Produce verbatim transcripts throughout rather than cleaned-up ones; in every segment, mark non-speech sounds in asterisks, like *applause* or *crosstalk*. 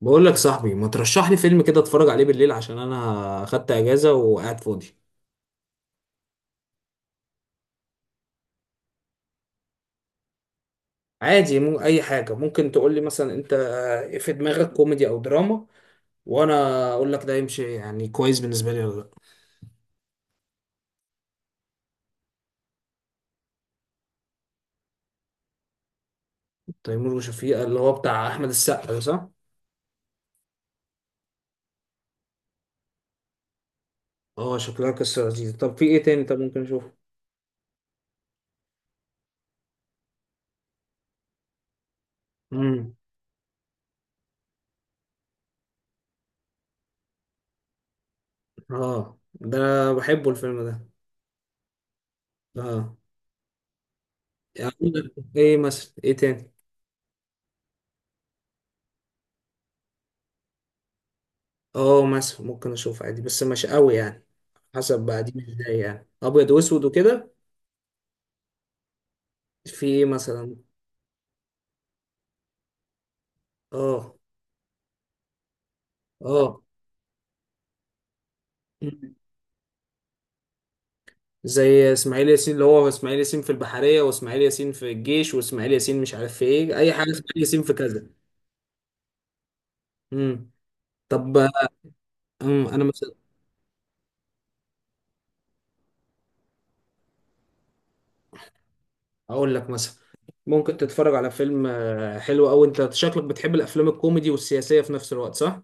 بقول لك صاحبي، ما ترشح لي فيلم كده اتفرج عليه بالليل عشان انا خدت اجازة وقاعد فاضي. عادي، مو اي حاجة ممكن تقول لي مثلا، انت في دماغك كوميدي او دراما، وانا اقول لك ده يمشي يعني كويس بالنسبة لي ولا لا. تيمور وشفيقة اللي هو بتاع احمد السقا ده، صح؟ اه، شكلها قصة لذيذة. طب في ايه تاني؟ طب ممكن اشوفه. امم. اه، ده أنا بحبه الفيلم ده. اه. يعني ايه مثلا؟ ايه تاني؟ اه، مثلا ممكن اشوف عادي بس مش قوي يعني. حسب بقى دي، مش ازاي يعني ابيض واسود وكده. في ايه مثلا؟ اه. اه. مم. زي اسماعيل ياسين، اللي هو اسماعيل ياسين في البحرية، واسماعيل ياسين في الجيش، واسماعيل ياسين مش عارف في ايه، اي حاجة اسماعيل ياسين في كذا. امم. طب. امم، انا مثلا اقول لك مثلا ممكن تتفرج على فيلم آه، حلو. او انت شكلك بتحب الافلام الكوميدي والسياسية في نفس الوقت، صح؟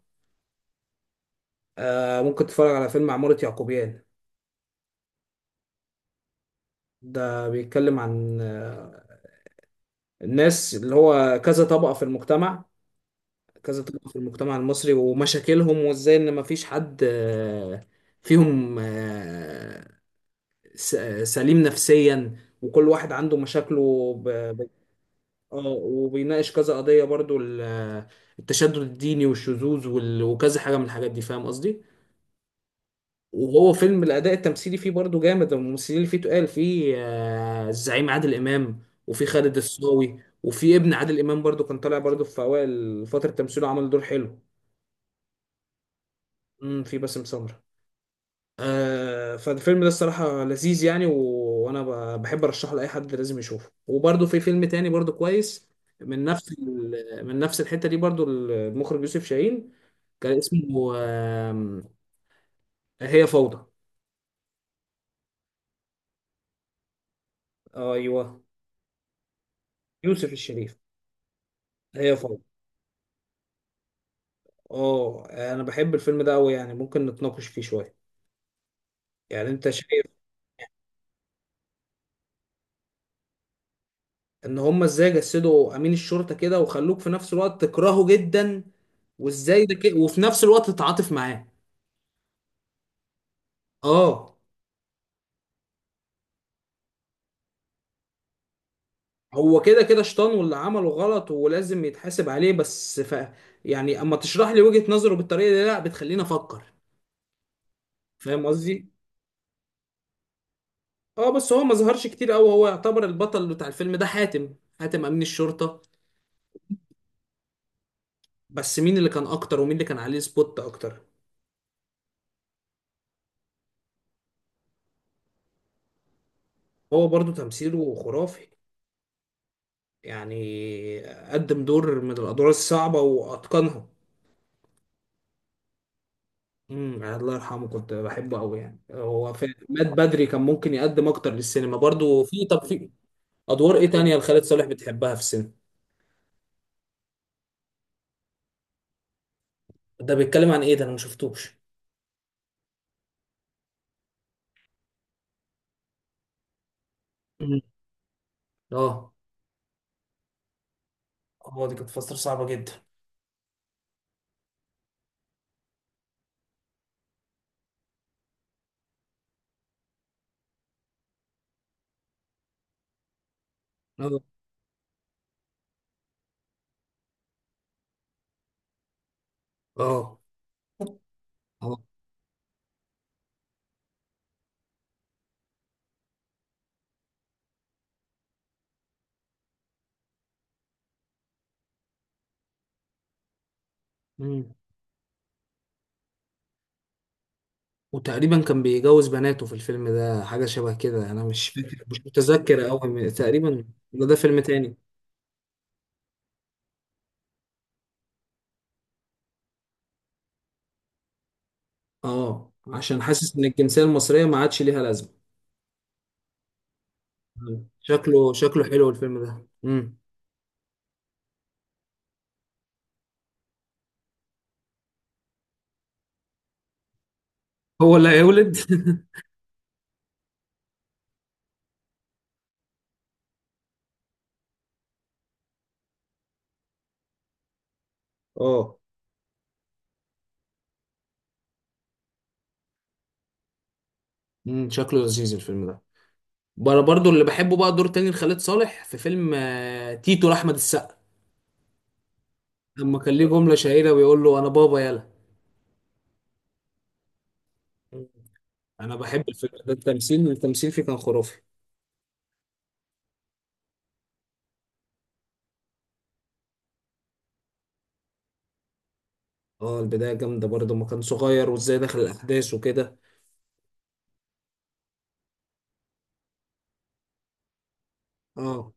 آه ممكن تتفرج على فيلم عمارة يعقوبيان. ده بيتكلم عن آه، الناس اللي هو كذا طبقة في المجتمع كذا طبقة في المجتمع المصري ومشاكلهم، وازاي ان مفيش حد آه، فيهم آه، س- آه، سليم نفسيا، وكل واحد عنده مشاكله ب... ب... اه وبيناقش كذا قضية برضو، ال- آه، التشدد الديني والشذوذ وال... وكذا حاجة من الحاجات دي، فاهم قصدي؟ وهو فيلم الأداء التمثيلي فيه برضو جامد. الممثلين اللي فيه تقال فيه آه، الزعيم عادل إمام، وفيه خالد الصاوي، وفيه ابن عادل إمام برضو كان طالع برضو في أوائل فترة تمثيله، عمل دور حلو. امم، في باسم سمرة. آه، فالفيلم ده الصراحة لذيذ يعني. و... وأنا ب... بحب أرشحه لأي حد، لازم يشوفه. وبرده في فيلم تاني برده كويس، من نفس ال... من نفس الحتة دي برده، المخرج يوسف شاهين. كان اسمه آم، هي فوضى. أيوه. يوسف الشريف. هي فوضى. اه، أنا بحب الفيلم ده أوي يعني، ممكن نتناقش فيه شوية. يعني أنت شايف؟ إن هما إزاي جسدوا أمين الشرطة كده، وخلوك في نفس الوقت تكرهه جدا، وإزاي ده كده وفي نفس الوقت تتعاطف معاه. اه. هو كده كده شطان، واللي عمله غلط ولازم يتحاسب عليه بس. ف يعني اما تشرح لي وجهة نظره بالطريقة دي، لا بتخليني افكر. فاهم قصدي؟ اه، بس هو ما ظهرش كتير قوي. هو يعتبر البطل بتاع الفيلم ده، حاتم حاتم امين الشرطة. بس مين اللي كان اكتر، ومين اللي كان عليه سبوت اكتر؟ هو برضو تمثيله خرافي، يعني قدم دور من الادوار الصعبة واتقنها. امم، الله يرحمه. كنت بحبه قوي يعني، هو في مات بدري، كان ممكن يقدم اكتر للسينما برضو. في طب، في ادوار ايه تانية لخالد صالح بتحبها في السينما؟ ده بيتكلم عن ايه؟ ده انا ما شفتوش. مم. اه. هو دي كانت فترة صعبة جدا. اه. اه. اه. مم. وتقريبا كان بيجوز بناته في الفيلم ده، حاجة شبه كده، أنا مش فاكر، مش متذكر أوي تقريبا. ولا ده فيلم تاني؟ أه، عشان حاسس إن الجنسية المصرية ما عادش ليها لازمة. مم. شكله شكله حلو الفيلم ده. مم. هو اللي هيولد؟ *laughs* أه. مم. شكله لذيذ الفيلم ده. بر- برضو اللي بحبه بقى دور تاني لخالد صالح في فيلم آه، تيتو لأحمد السقا، لما كان ليه جملة شهيرة بيقول له: أنا بابا يلا. أنا بحب الفيلم ده، التمثيل التمثيل فيه كان خرافي. اه، البداية جامدة برضو، ما كان صغير وازاي دخل الأحداث وكده. اه.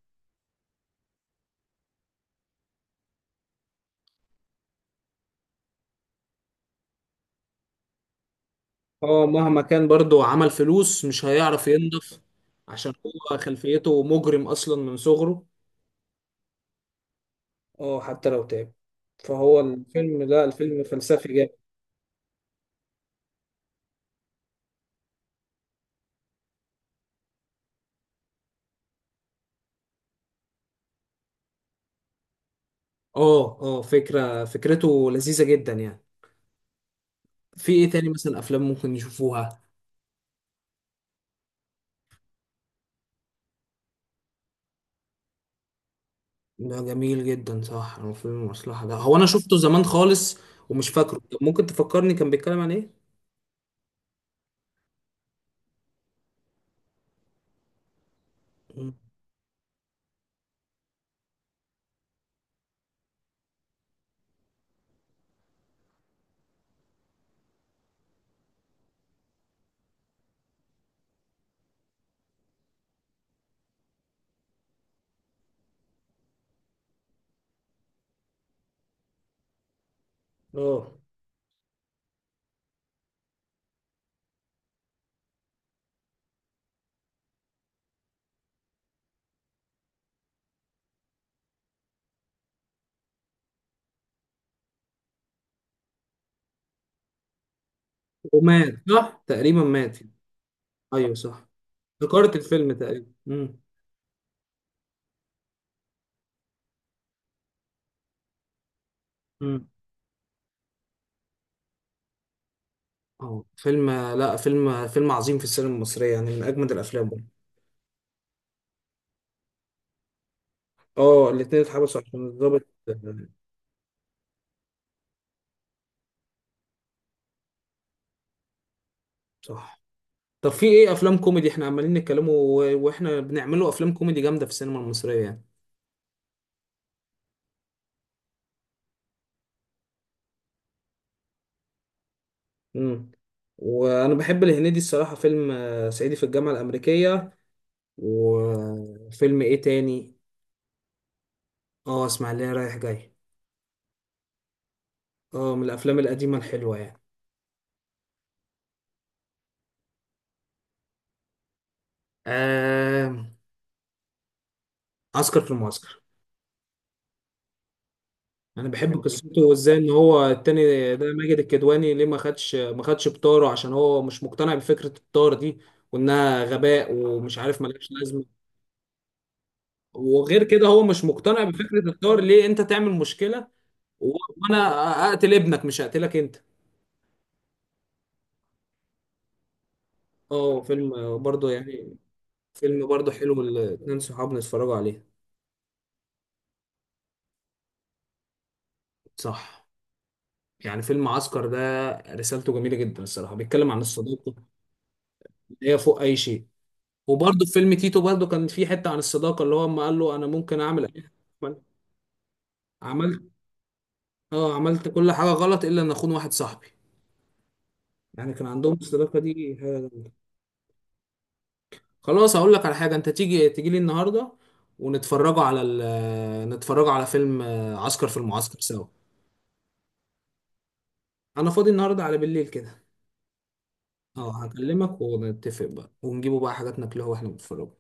اه، مهما كان برضو عمل فلوس، مش هيعرف ينضف. عشان هو خلفيته مجرم أصلا من صغره. اه، حتى لو تعب. فهو الفيلم ده، الفيلم فلسفي جامد. اه، اه، فكرة فكرته لذيذة جدا يعني. في ايه تاني مثلا؟ افلام ممكن نشوفوها. ده جميل جدا، صح. هو فيلم المصلحة ده، هو انا شفته زمان خالص، ومش فاكره. طب ممكن تفكرني كان بيتكلم عن ايه؟ مم. اه، ومات، صح، تقريبا مات. ايوه صح، ذكرت الفيلم تقريبا. امم. امم. اه، فيلم، لا، فيلم فيلم عظيم في السينما المصرية، يعني من اجمد الافلام برضه. اه، الاتنين اتحبسوا عشان الضابط. صح. طب في ايه افلام كوميدي؟ احنا عمالين نتكلموا، و- واحنا بنعملوا افلام كوميدي جامدة في السينما المصرية يعني. مم. وانا بحب الهنيدي الصراحه، فيلم آه، صعيدي في الجامعه الامريكيه. وفيلم ايه تاني؟ اه، اسماعيليه رايح جاي. اه، من الافلام القديمه الحلوه يعني. آه... عسكر في المعسكر. انا بحب، جميل قصته، وازاي ان هو التاني ده ماجد الكدواني ليه ما خدش ما خدش بطاره، عشان هو مش مقتنع بفكره الطار دي، وانها غباء ومش عارف، ملهاش لازمه. وغير كده هو مش مقتنع بفكره الطار، ليه انت تعمل مشكله؟ و- وانا، اقتل ابنك، مش هقتلك انت. اه، فيلم برضه يعني. فيلم برضه حلو، الاتنين صحابنا اتفرجوا عليه. صح. يعني فيلم عسكر ده، رسالته جميلة جدا الصراحة، بيتكلم عن الصداقة اللي هي فوق أي شيء. وبرضه في فيلم تيتو، برضه كان في حتة عن الصداقة، اللي هو أما قال له: أنا ممكن أعمل أي حاجة. عملت. اه، عملت كل حاجة غلط، إلا إن أخون واحد صاحبي. يعني كان عندهم الصداقة دي حاجة جميلة. خلاص، هقول لك على حاجة. أنت تيجي تيجي لي النهاردة، ونتفرجوا على ال... نتفرجوا على فيلم آه، عسكر في المعسكر سوا. أنا فاضي النهاردة على بالليل كده. اه، هكلمك ونتفق بقى، ونجيبوا بقى حاجات ناكلها واحنا بنتفرج.